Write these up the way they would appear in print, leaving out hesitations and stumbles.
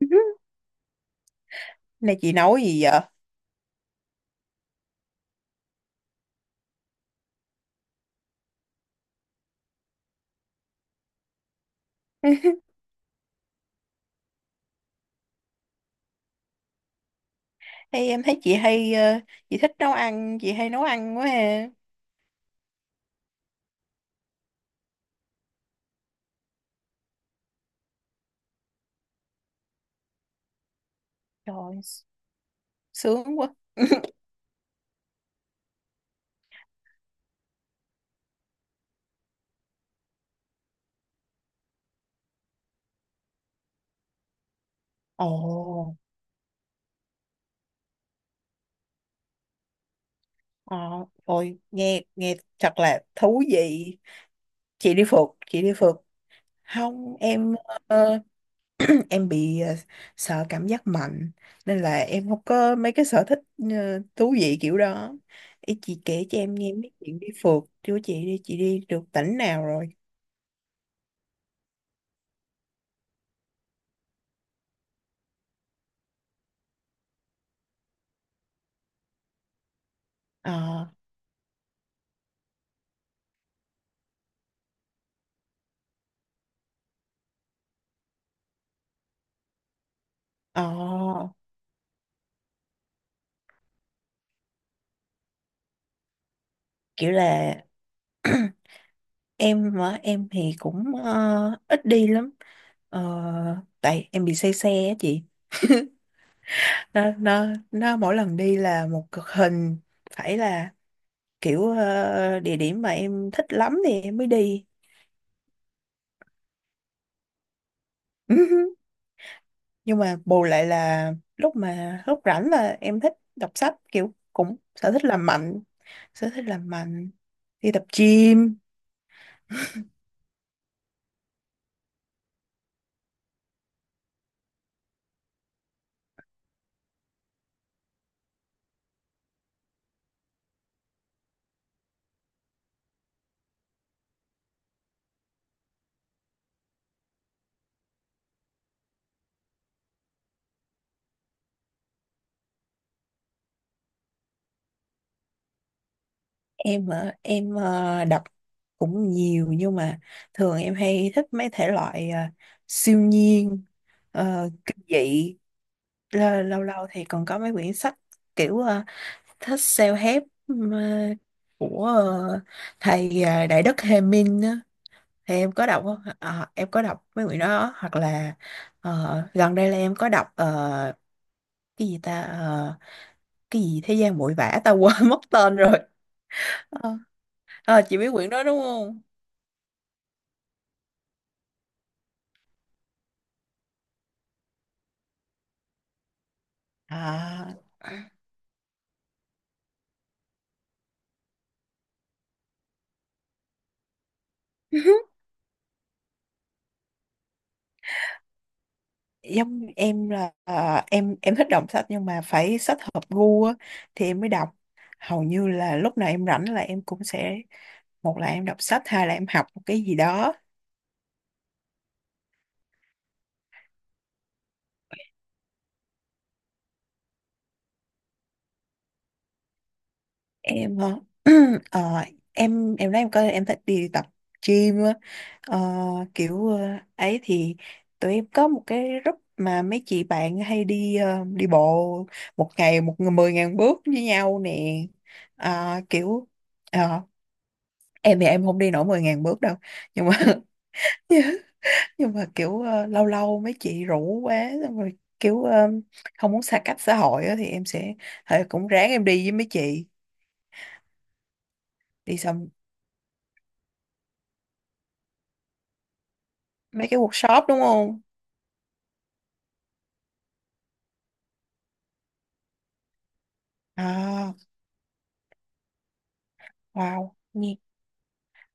Này chị nấu gì vậy? Hay em thấy chị hay chị thích nấu ăn, chị hay nấu ăn quá ha. Trời, sướng quá. Ồ. ờ, Rồi nghe, nghe thật là thú vị. Chị đi phượt không em. ờ, em bị sợ cảm giác mạnh, nên là em không có mấy cái sở thích thú vị kiểu đó. Ý chị kể cho em nghe mấy chuyện đi phượt chứ, chị đi được tỉnh nào rồi? ờ ờ Kiểu là, em mà em thì cũng ít đi lắm. Ờ, Tại em bị say xe á chị. Nó mỗi lần đi là một cực hình, phải là kiểu địa điểm mà em thích lắm thì em mới đi. Nhưng mà bù lại là lúc rảnh là em thích đọc sách, kiểu cũng sở thích làm mạnh. Sở thích làm mạnh, đi tập gym. Em hả? Em đọc cũng nhiều, nhưng mà thường em hay thích mấy thể loại siêu nhiên, kinh dị. Lâu lâu thì còn có mấy quyển sách kiểu thích self-help. Ờ, của thầy Đại Đức Hề Minh á, thì em có đọc không? Ờ, em có đọc mấy quyển đó. Hoặc là gần đây là em có đọc, cái gì ta? Ờ, cái gì thế gian bụi vã ta, quên mất tên rồi. Ờ, chị biết quyển đó đúng không? À, giống em là, em thích đọc sách nhưng mà phải sách hợp gu á, thì em mới đọc. Hầu như là lúc nào em rảnh là em cũng sẽ, một là em đọc sách, hai là em học một cái gì đó. Em ờ, em nói em coi, em thích đi tập gym á. Ờ, kiểu ấy thì tụi em có một cái group mà mấy chị bạn hay đi đi bộ một ngày một mười ngàn bước với nhau nè. Ờ, kiểu ờ, em thì em không đi nổi 10 ngàn bước đâu, nhưng mà nhưng mà kiểu lâu lâu mấy chị rủ quá, xong rồi kiểu không muốn xa cách xã hội á, thì em sẽ, thì cũng ráng em đi với mấy chị. Đi xong, mấy cái workshop đúng không? À, wow, nghe,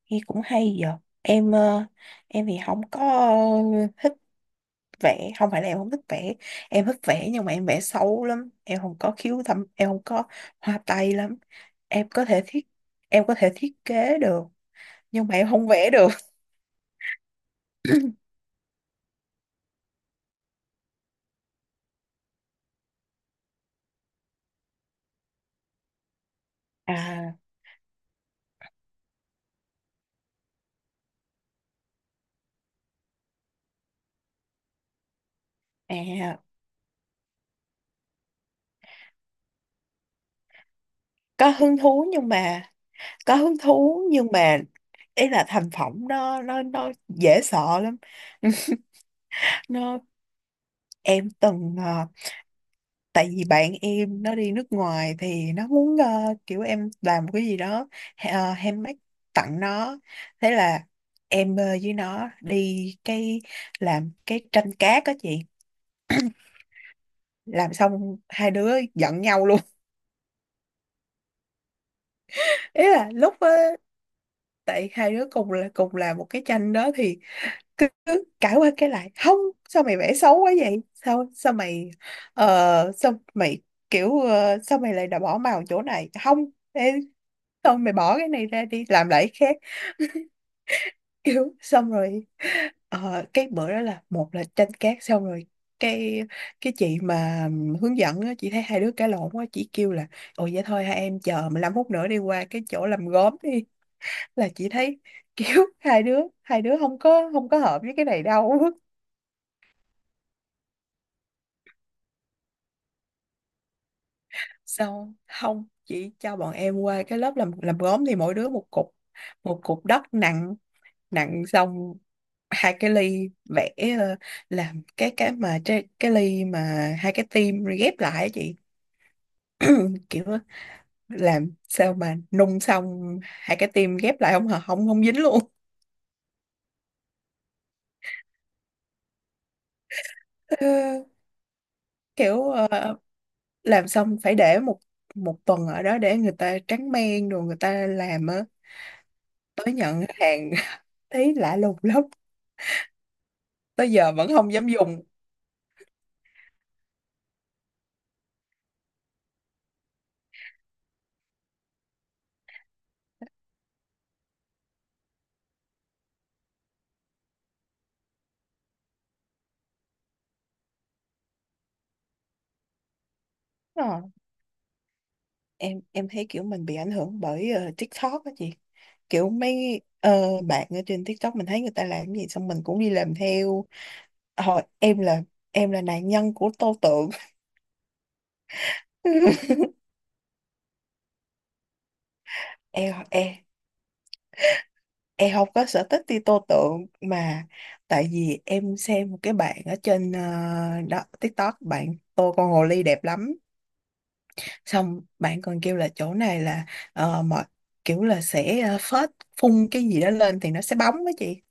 nghe cũng hay giờ em em thì không có thích vẽ, không phải là em không thích vẽ, em thích vẽ nhưng mà em vẽ xấu lắm, em không có khiếu thẩm, em không có hoa tay lắm. em có thể thiết em có thể thiết kế được, nhưng mà em không vẽ được. À, à, có hứng thú nhưng mà, có hứng thú nhưng mà ý là thành phẩm nó dễ sợ lắm. Nó, em từng tại vì bạn em nó đi nước ngoài thì nó muốn kiểu em làm một cái gì đó, uh, handmade, tặng nó. Thế là em với nó đi cái, làm cái tranh cát đó chị. Làm xong hai đứa giận nhau luôn. Ý là lúc tại hai đứa cùng làm một cái tranh đó thì cứ cãi qua cái lại không. Sao mày vẽ xấu quá vậy? Sao sao mày ờ, sao mày kiểu ờ, sao mày lại đã bỏ màu chỗ này không? Ê, sao mày bỏ cái này ra đi làm lại cái khác? Kiểu xong rồi, cái bữa đó là, một là tranh cát xong rồi, cái cái chị mà hướng dẫn á, chị thấy hai đứa cãi lộn quá chị kêu là: ồ vậy thôi, hai em chờ 15 phút nữa, đi qua cái chỗ làm gốm đi, là chị thấy kiểu hai đứa không có hợp với cái này đâu. Sao không chị cho bọn em qua cái lớp làm gốm, thì mỗi đứa một cục, một cục đất nặng, xong hai cái ly, vẽ ờ, làm cái, cái ly mà hai cái tim ghép lại á chị. Kiểu á, làm sao mà nung xong hai cái tim ghép lại không hả, không, không dính luôn. Ờ, kiểu ờ, làm xong phải để một một tuần ở đó để người ta tráng men rồi người ta làm á, tới nhận hàng. Thấy lạ lùng lắm, tới giờ vẫn không dám dùng. Ờ, em thấy kiểu mình bị ảnh hưởng bởi TikTok á chị, kiểu mấy bạn ở trên TikTok mình thấy người ta làm cái gì xong mình cũng đi làm theo. Hồi em là Em là nạn nhân của tô tượng. Em, em không có sở thích đi tô tượng mà, tại vì em xem một cái bạn ở trên đó TikTok, bạn tô con hồ ly đẹp lắm, xong bạn còn kêu là chỗ này là ờ, mọi kiểu là sẽ phun cái gì đó lên thì nó sẽ bóng đó chị,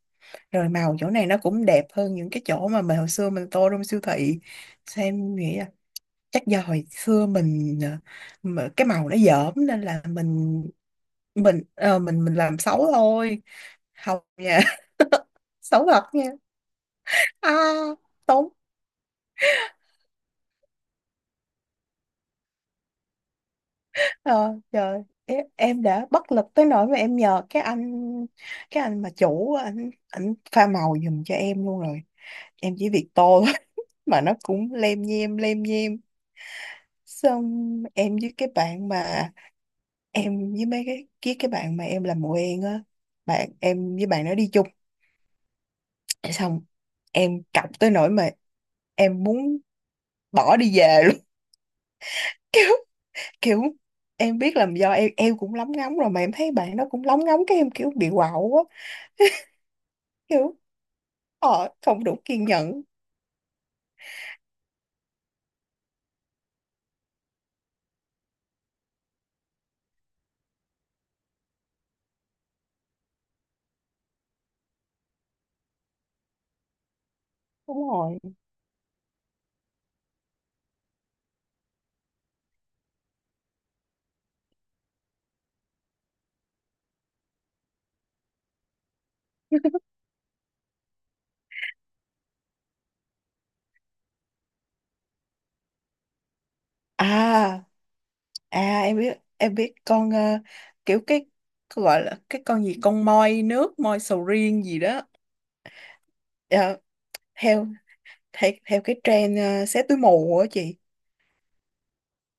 rồi màu chỗ này nó cũng đẹp hơn những cái chỗ mà mình hồi xưa mình tô trong siêu thị. Xem, em nghĩ là chắc do hồi xưa mình mà cái màu nó dởm, nên là mình mình làm xấu thôi. Không nha, xấu thật nha. À, tốn. Ờ, Trời, em đã bất lực tới nỗi mà em nhờ cái anh, mà chủ, anh pha màu giùm cho em luôn rồi, em chỉ việc tô thôi. Mà nó cũng lem nhem lem nhem. Xong em với cái bạn mà, với cái bạn mà em làm mùa en á, bạn em với bạn nó đi chung, xong em cọc tới nỗi mà em muốn bỏ đi về luôn. Kiểu em biết là do em cũng lóng ngóng rồi mà em thấy bạn đó cũng lóng ngóng, cái em kiểu bị quạo quá. Kiểu không đủ kiên nhẫn, đúng rồi. À, à, em biết con, kiểu cái gọi là cái con gì, con moi nước, moi sầu riêng gì đó. Ờ, theo theo theo cái trend, xé túi mù á chị,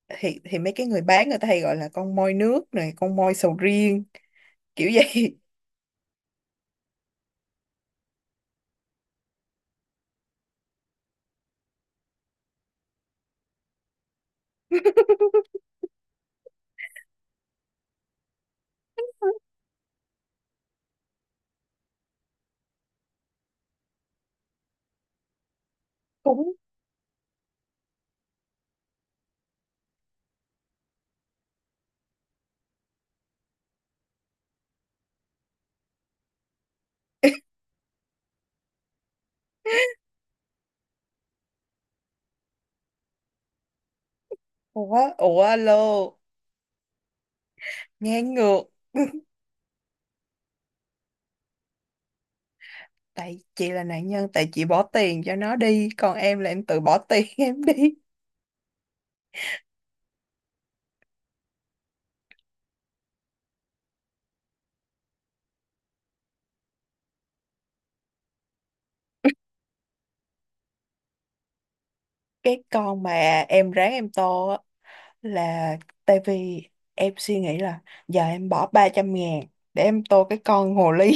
thì mấy cái người bán người ta hay gọi là con moi nước này, con moi sầu riêng kiểu vậy. Cũng. Ủa, ủa, alo. Ngang ngược. Tại chị là nạn nhân, tại chị bỏ tiền cho nó đi, còn em là em tự bỏ tiền em đi. Cái con mà em ráng em tô á, là tại vì em suy nghĩ là giờ em bỏ 300 ngàn để em tô cái con hồ ly.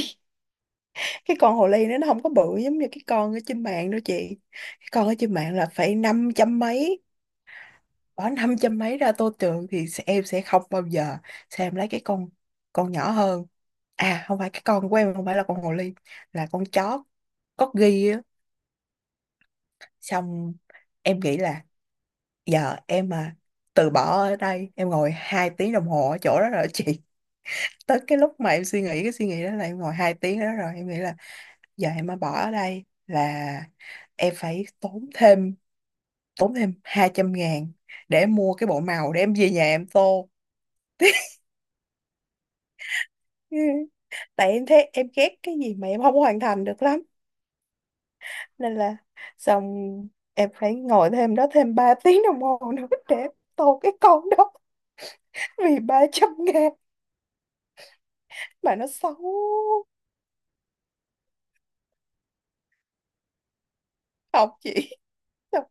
Cái con hồ ly nó không có bự giống như cái con ở trên mạng đâu chị, cái con ở trên mạng là phải 500 mấy. Bỏ năm trăm mấy ra tô tượng thì em sẽ không bao giờ, sao em lấy cái con nhỏ hơn. À không phải, cái con của em không phải là con hồ ly, là con chó corgi á. Xong em nghĩ là giờ em mà từ bỏ ở đây em ngồi hai tiếng đồng hồ ở chỗ đó rồi chị, tới cái lúc mà em suy nghĩ cái suy nghĩ đó là em ngồi hai tiếng ở đó rồi, em nghĩ là giờ em mà bỏ ở đây là em phải tốn thêm, hai trăm ngàn để mua cái bộ màu để em về nhà em tô, tại em thấy em ghét cái gì mà em không hoàn thành được lắm. Nên là xong em phải ngồi thêm đó thêm 3 tiếng đồng hồ nữa để em tô cái con đó, vì ba trăm ngàn mà nó xấu. Học chị. Xong,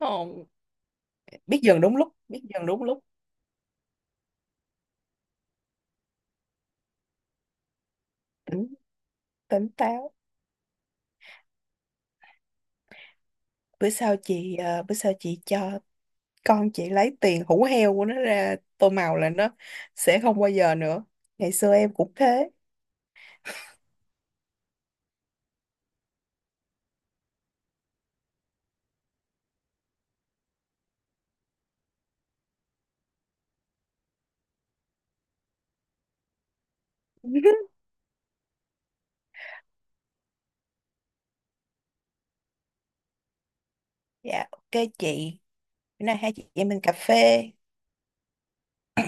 không. Biết dừng đúng lúc, biết dừng đúng lúc. Tỉnh Tỉnh táo. Bữa sau chị cho con chị lấy tiền hủ heo của nó ra tô màu là nó sẽ không bao giờ nữa. Ngày xưa em cũng thế. Dạ ok chị. Bữa nay hai chị em mình cà phê.